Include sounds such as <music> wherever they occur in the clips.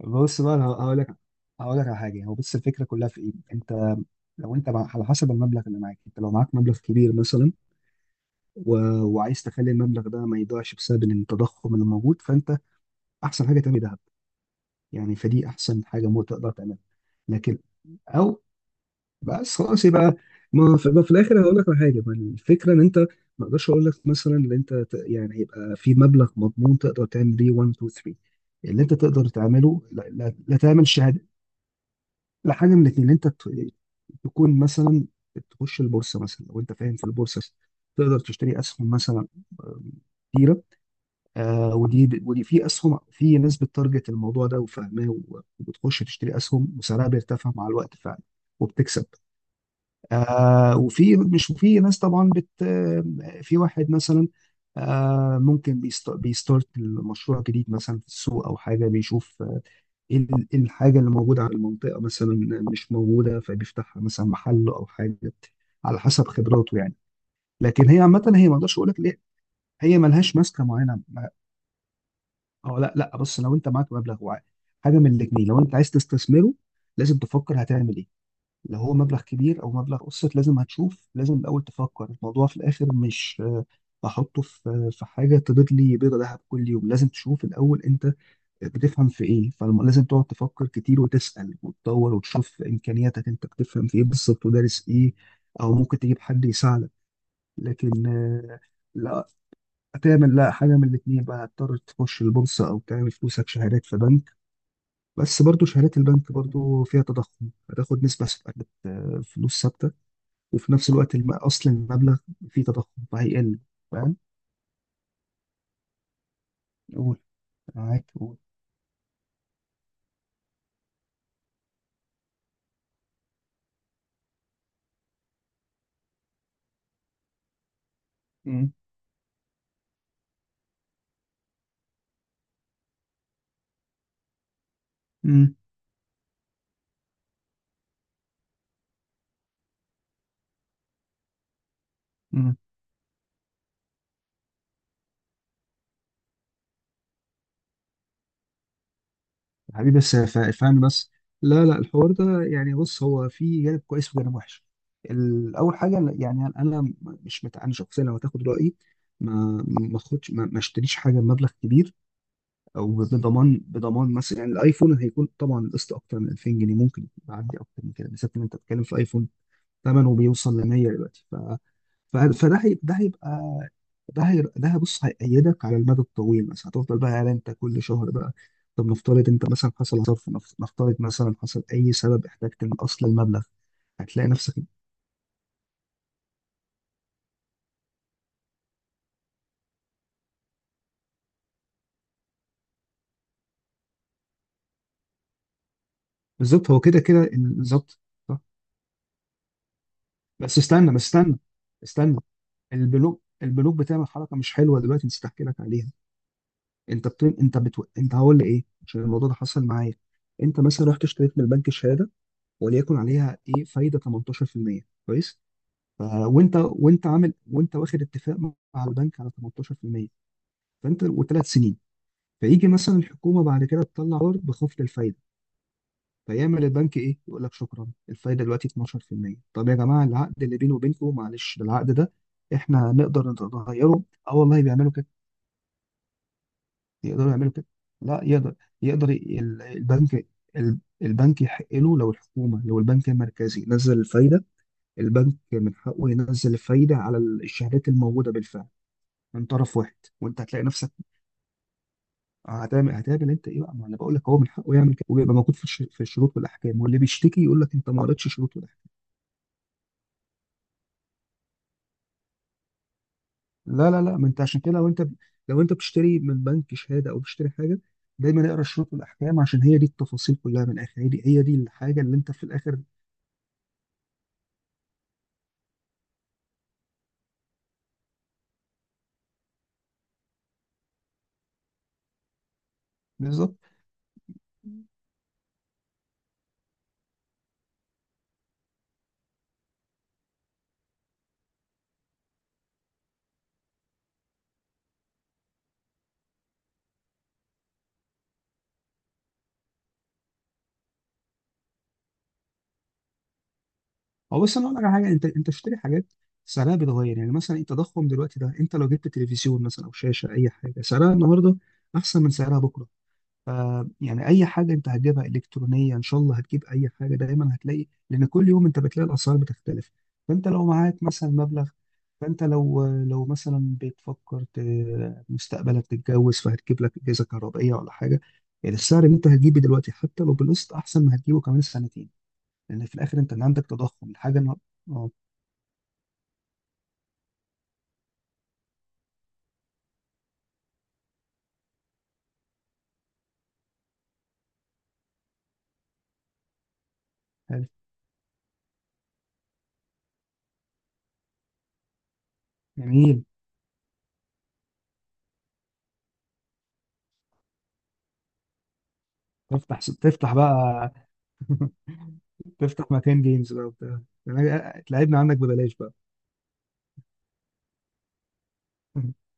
بص بقى، انا هقول لك، على حاجه. هو بص، الفكره كلها في ايه؟ انت لو انت على حسب المبلغ اللي معاك، انت لو معاك مبلغ كبير مثلا و... وعايز تخلي المبلغ ده ما يضيعش بسبب إن التضخم اللي موجود، فانت احسن حاجه تعمل ذهب. يعني فدي احسن حاجه مو تقدر تعملها. لكن او بس خلاص، يبقى ما في الاخر هقول لك على حاجه. ما الفكره ان انت ما اقدرش اقول لك مثلا ان يعني يبقى في مبلغ مضمون تقدر تعمل بيه 1 2 3. اللي انت تقدر تعمله، لا, لا, لا تعمل شهاده. لا، حاجه من الاثنين اللي انت تكون مثلا تخش البورصه مثلا، لو انت فاهم في البورصه تقدر تشتري اسهم مثلا. آه، كتيره. آه ودي في اسهم، في ناس بتارجت الموضوع ده وفاهماه وبتخش تشتري اسهم وسعرها بيرتفع مع الوقت فعلا وبتكسب. آه وفي مش وفي ناس طبعا بت آه، في واحد مثلا، آه ممكن بيستارت مشروع جديد مثلا في السوق، او حاجه بيشوف إيه الحاجة اللي موجودة على المنطقة مثلا مش موجودة، فبيفتحها مثلا محل أو حاجة، على حسب خبراته يعني. لكن هي عامة، هي ما أقدرش أقول لك ليه، هي ملهاش ماسكة معينة. ما- أو لا لا، بص، لو أنت معاك مبلغ وعاء، حاجة من الاتنين، لو أنت عايز تستثمره لازم تفكر هتعمل إيه. لو هو مبلغ كبير أو مبلغ قسط، لازم هتشوف، لازم الأول تفكر الموضوع في الآخر. مش بحطه في في حاجة تبيض لي بيضة ذهب كل يوم. لازم تشوف الأول أنت بتفهم في ايه، فلازم تقعد تفكر كتير وتسأل وتدور وتشوف امكانياتك، انت بتفهم في ايه بالظبط ودارس ايه، او ممكن تجيب حد يساعدك. لكن لا، تعمل لا حاجه من الاثنين بقى، هتضطر تخش البورصه او تعمل فلوسك شهادات في بنك. بس برضو شهادات البنك برضو فيها تضخم، هتاخد نسبه ثابتة، فلوس ثابته، وفي نفس الوقت اصل المبلغ فيه تضخم فهيقل. فاهم؟ قول. معاك، قول. مم. مم. حبيبي بس فاهم، بس لا لا، الحوار ده يعني بص هو فيه جانب كويس وجانب وحش. اول حاجه يعني انا مش مت... انا شخصيا لو هتاخد رايي ما اشتريش حاجه بمبلغ كبير او بضمان مثلا، يعني الايفون هيكون طبعا القسط اكتر من 2000 جنيه، ممكن يعدي اكتر من كده بالذات ان انت بتتكلم في ايفون ثمنه بيوصل ل 100 دلوقتي. ف- فده هي- ده هيبقى ده هي ده بص هيأيدك على المدى الطويل مثلا، هتفضل بقى قاعد انت كل شهر بقى. طب نفترض انت مثلا حصل ظرف، نفترض مثلا حصل اي سبب احتجت من اصل المبلغ، هتلاقي نفسك. بالظبط، هو كده كده، بالظبط، صح. بس استنى، استنى. البنوك بتعمل حركه مش حلوه دلوقتي، نسيت احكي لك عليها. انت بت... انت بتو... انت هقول لي ايه؟ عشان الموضوع ده حصل معايا. انت مثلا رحت اشتريت من البنك شهاده، وليكن عليها ايه فايده 18%. كويس. وانت عامل، وانت واخد اتفاق مع البنك على 18%، فانت وثلاث سنين. فيجي مثلا الحكومه بعد كده تطلع قرار بخفض الفايده. فيعمل البنك ايه؟ يقول لك شكرا، الفايده دلوقتي 12%. طب يا جماعه، العقد اللي بيني وبينكم؟ معلش، ده العقد ده احنا نقدر نغيره. اه والله بيعملوا كده، يقدروا يعملوا كده. لا يقدر، يقدر، البنك، البنك يحق له لو الحكومه، لو البنك المركزي نزل الفايده، البنك من حقه ينزل الفايده على الشهادات الموجوده بالفعل من طرف واحد. وانت هتلاقي نفسك هتعمل، هتقابل انت ايه بقى؟ ما انا بقول لك هو من حقه يعمل كده، وبيبقى موجود في الشروط والاحكام، واللي بيشتكي يقول لك انت ما قريتش شروط والاحكام. لا لا لا، ما انت عشان كده، لو انت، لو انت بتشتري من بنك شهاده او بتشتري حاجه، دايما اقرا الشروط والاحكام، عشان هي دي التفاصيل كلها من الاخر. هي دي هي دي الحاجه اللي انت في الاخر. بالظبط. هو بس انا اقول لك على حاجه، انت انت بتشتري حاجات سعرها بيتغير، يعني مثلا التضخم دلوقتي ده، انت لو جبت تلفزيون مثلا او شاشه، اي حاجه سعرها النهارده احسن من سعرها بكره. يعني اي حاجه انت هتجيبها الكترونيه ان شاء الله، هتجيب اي حاجه دايما هتلاقي، لان كل يوم انت بتلاقي الاسعار بتختلف. فانت لو معاك مثلا مبلغ، فانت لو مثلا بتفكر مستقبلك تتجوز، فهتجيب لك اجهزه كهربائيه ولا حاجه، يعني السعر اللي انت هتجيبه دلوقتي حتى لو بالقسط احسن ما هتجيبه كمان سنتين، لان في الاخر انت عندك تضخم الحاجه اه. حلو. جميل. تفتح تفتح بقى <laughs> تفتح مكان جيمز بقى وبتاع، تلعبنا عندك ببلاش بقى. <laughs>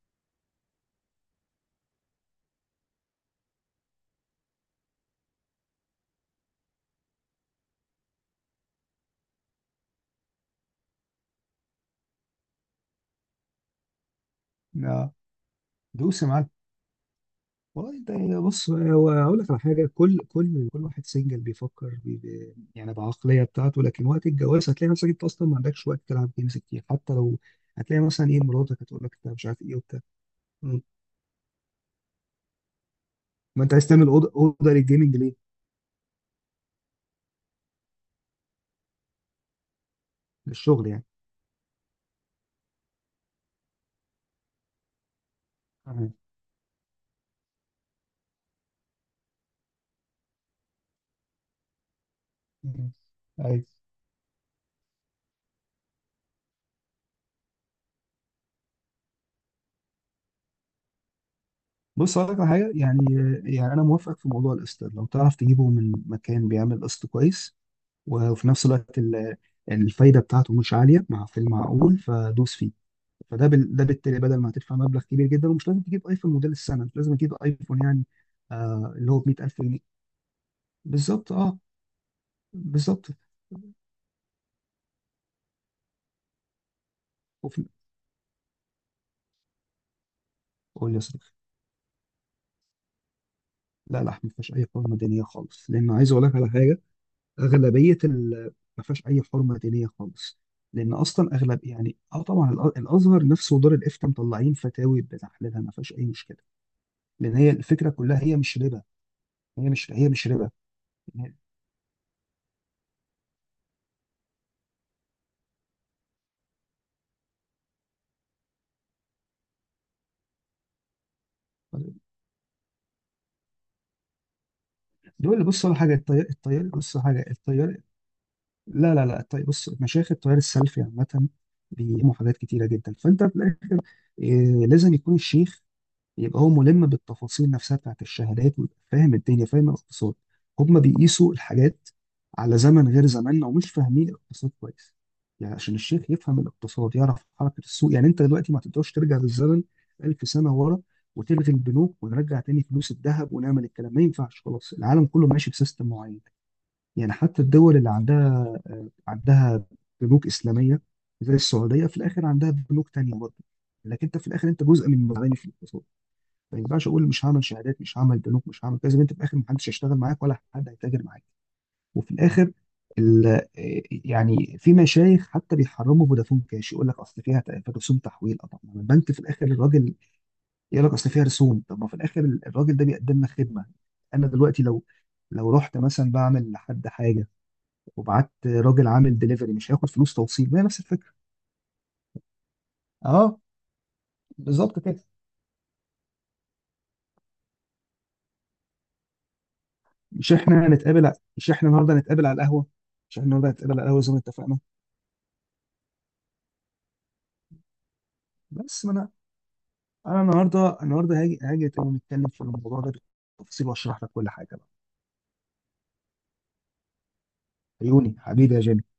آه. دوس يا معلم. والله انت بص، هو هقول لك على حاجه. كل كل كل واحد سنجل بيفكر بي بي يعني بعقليه بتاعته، لكن وقت الجواز هتلاقي نفسك انت اصلا ما عندكش وقت تلعب جيمز كتير. حتى لو هتلاقي مثلا ايه، مراتك هتقول لك انت مش عارف ايه وبتاع. مم. ما انت عايز تعمل اوضه، اوضه للجيمنج ليه؟ للشغل يعني. تمام. مم. أيوة. بص هقول لك على حاجه يعني، يعني انا موافقك في موضوع القسط، لو تعرف تجيبه من مكان بيعمل قسط كويس وفي نفس الوقت الفايده بتاعته مش عاليه، مع في المعقول، فدوس فيه. ده بالتالي بدل ما هتدفع مبلغ كبير جدا، ومش لازم تجيب ايفون موديل السنه، مش لازم تجيب ايفون يعني آه اللي هو ب 100,000 جنيه. بالظبط اه، بالظبط. وفي... قول لي يا صديقي. لا لا، ما فيهاش اي حرمه دينيه خالص، لان عايز اقول لك على حاجه. اغلبيه ال... ما فيهاش اي حرمه دينيه خالص، لان اصلا اغلب يعني اه طبعا الازهر نفسه ودار الافتاء مطلعين فتاوي بتحليلها، ما فيهاش اي مشكله، لان هي الفكره كلها هي مش ربا. هي مش ربا يعني. دول اللي بص على حاجه، التيار، بص على حاجه، التيار، لا لا لا طيب، بص، مشايخ التيار السلفي عامة بيقيموا حاجات كتيرة جدا، فأنت في الآخر إيه، لازم يكون الشيخ يبقى هو ملم بالتفاصيل نفسها بتاعت الشهادات، ويبقى فاهم الدنيا، فاهم الاقتصاد. هما بيقيسوا الحاجات على زمن غير زماننا، ومش فاهمين الاقتصاد كويس. يعني عشان الشيخ يفهم الاقتصاد يعرف حركة السوق، يعني أنت دلوقتي ما تقدرش ترجع بالزمن ألف سنة ورا، وتلغي البنوك ونرجع تاني فلوس الذهب ونعمل الكلام. ما ينفعش، خلاص العالم كله ماشي بسيستم معين. يعني حتى الدول اللي عندها بنوك اسلاميه زي السعوديه، في الاخر عندها بنوك تانيه برضه. لكن انت في الاخر انت جزء من المزارعين في الاقتصاد. ما ينفعش اقول مش هعمل شهادات، مش هعمل بنوك، مش هعمل كذا، انت في الاخر محدش هيشتغل معاك ولا حد هيتاجر معاك. وفي الاخر ال- يعني في مشايخ حتى بيحرموا فودافون كاش، يقول لك اصل فيها رسوم تحويل. طب ما البنك في الاخر، الراجل يقول لك اصل فيها رسوم، طب ما في الاخر الراجل ده بيقدم لك خدمه. انا دلوقتي لو رحت مثلا بعمل لحد حاجه، وبعت راجل عامل دليفري، مش هياخد فلوس توصيل؟ ما هي نفس الفكره. اه بالظبط كده. مش احنا النهارده هنتقابل على القهوه، مش احنا النهارده هنتقابل على القهوه زي ما اتفقنا. بس ما انا، انا النهارده، النهارده هاجي، هاجي ونتكلم في الموضوع ده بالتفصيل، واشرح لك كل حاجه بقى. عيوني حبيبي يا جيمي.